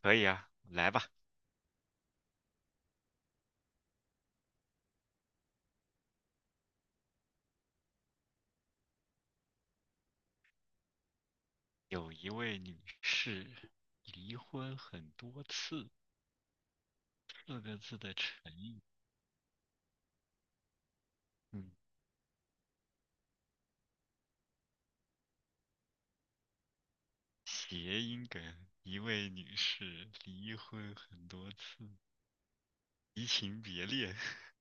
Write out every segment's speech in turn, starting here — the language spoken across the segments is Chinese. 可以啊，来吧。有一位女士离婚很多次，四个字的成语，嗯，谐音梗。一位女士离婚很多次，移情别恋，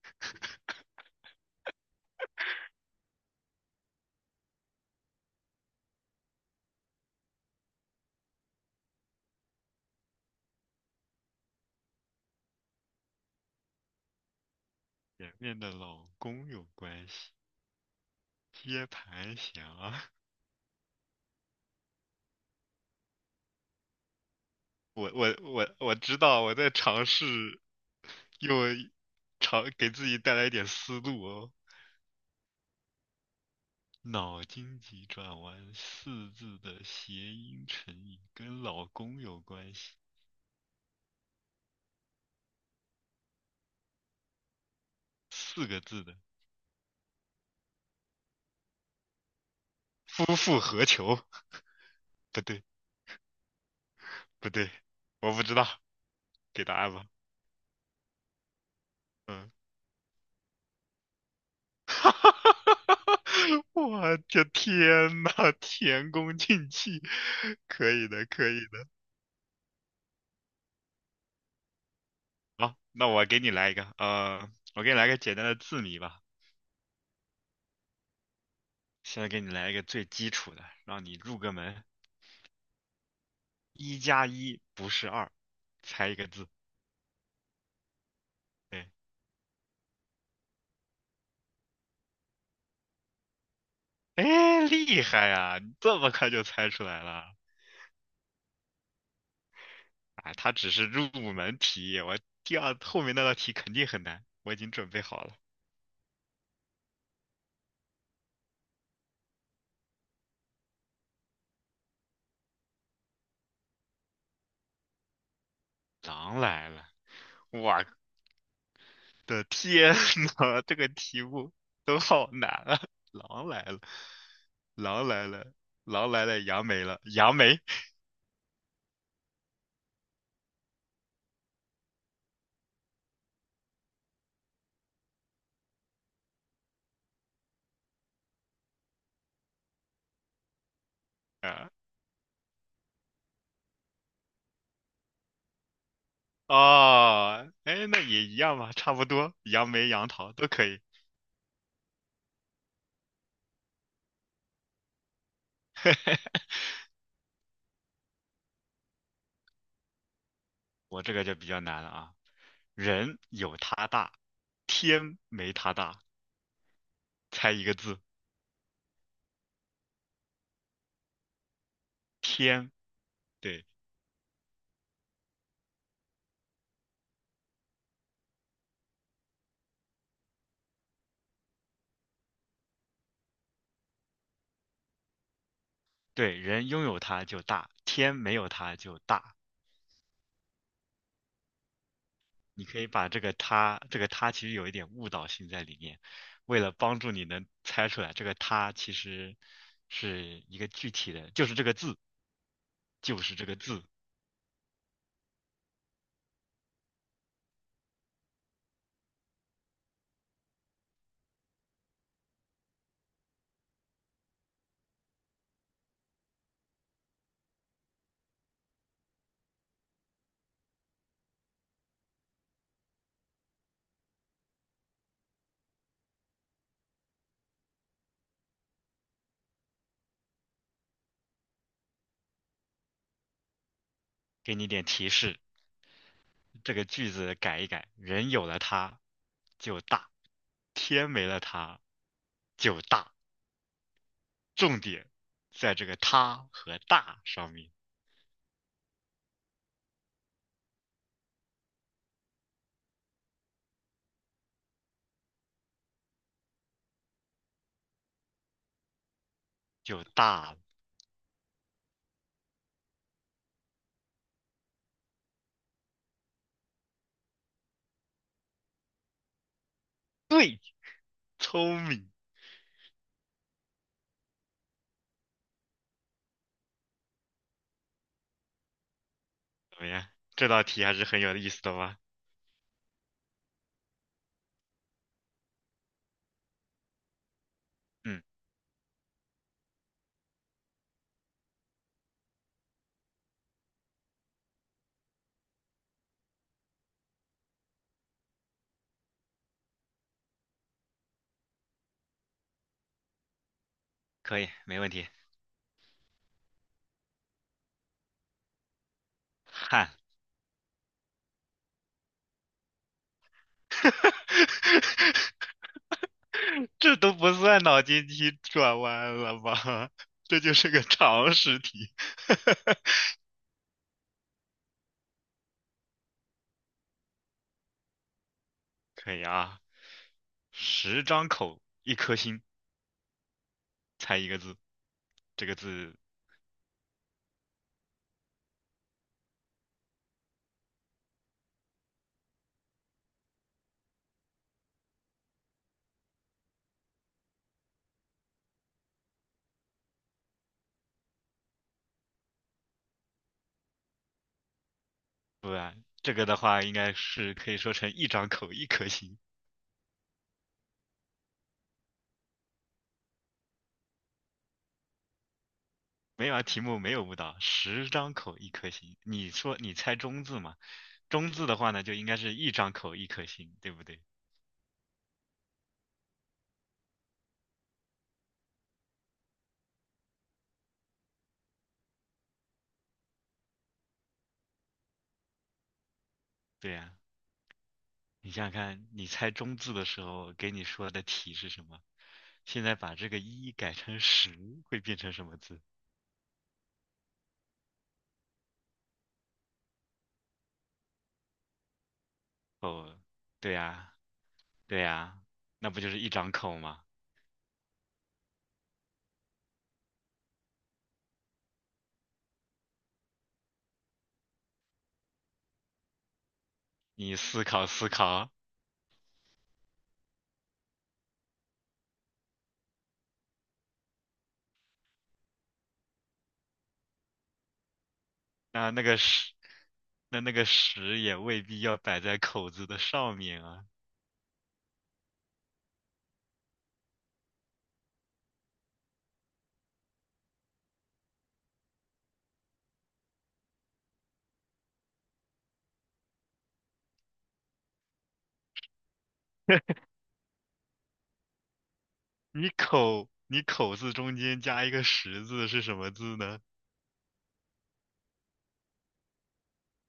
前面的老公有关系，接盘侠。我知道，我在尝试用尝给自己带来一点思路哦。脑筋急转弯四字的谐音成语跟老公有关系，四个字的夫复何求？不对，不对，我不知道，给答案吧。嗯，哈哈哈哈哈哈！我的天呐，前功尽弃，可以的，可以的。好，那我给你来一个，我给你来个简单的字谜吧。现在给你来一个最基础的，让你入个门。一加一不是二，猜一个字。对。哎，厉害呀！你这么快就猜出来了。哎，它只是入门题，我第二后面那道题肯定很难，我已经准备好了。狼来了，我的天呐，这个题目都好难啊！狼来了，狼来了，狼来了，杨梅了，杨梅啊！哦，哎，那也一样吧，差不多，杨梅、杨桃都可以。我这个就比较难了啊，人有它大，天没它大。猜一个字，天。对对，人拥有它就大，天没有它就大。你可以把这个它，这个它其实有一点误导性在里面。为了帮助你能猜出来，这个它其实是一个具体的，就是这个字，就是这个字，给你点提示。这个句子改一改，人有了它就大，天没了它就大。重点在这个它和大上面，就大了。对，聪明。怎么样？这道题还是很有意思的吧？嗯，可以，没问题。汗，这都不算脑筋急转弯了吧？这就是个常识题。可以啊，十张口，一颗心，猜一个字。这个字不然，这个的话应该是可以说成一张口一颗心。没有啊，题目没有误导，十张口一颗心。你说你猜中字嘛？中字的话呢，就应该是一张口一颗心，对不对？对呀，你想想看，你猜中字的时候给你说的体是什么？现在把这个一改成十，会变成什么字？哦，对呀，对呀，那不就是一张口吗？你思考思考，那那个十，那那个十也未必要摆在口字的上面啊。你口，你口字中间加一个十字是什么字呢？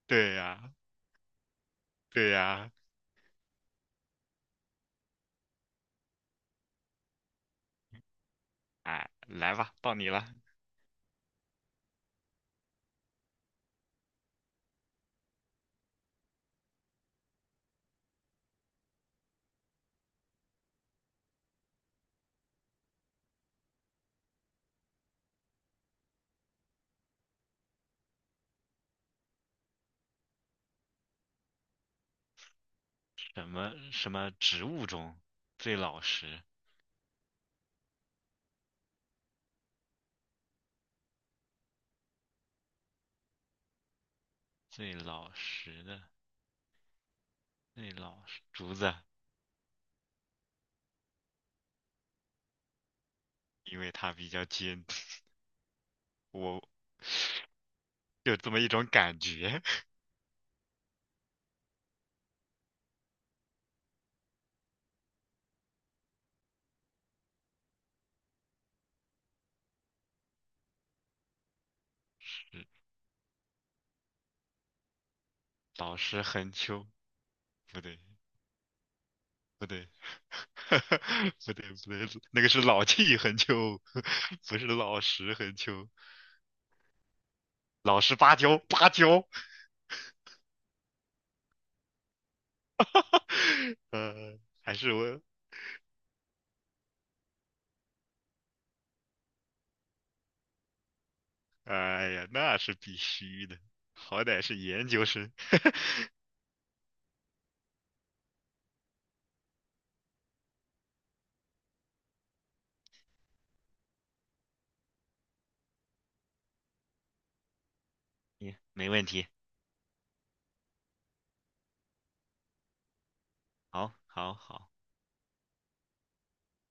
对呀，对呀，哎，来吧，到你了。什么什么植物中最老实？最老实的，最老实，竹子，因为它比较尖，我有这么一种感觉。老实横秋，不对，不对，不对，不对，那个是老气横秋，不是老实横秋，老实芭蕉，芭蕉。还是我，哎呀，那是必须的，好歹是研究生，你没问题，好，好，好。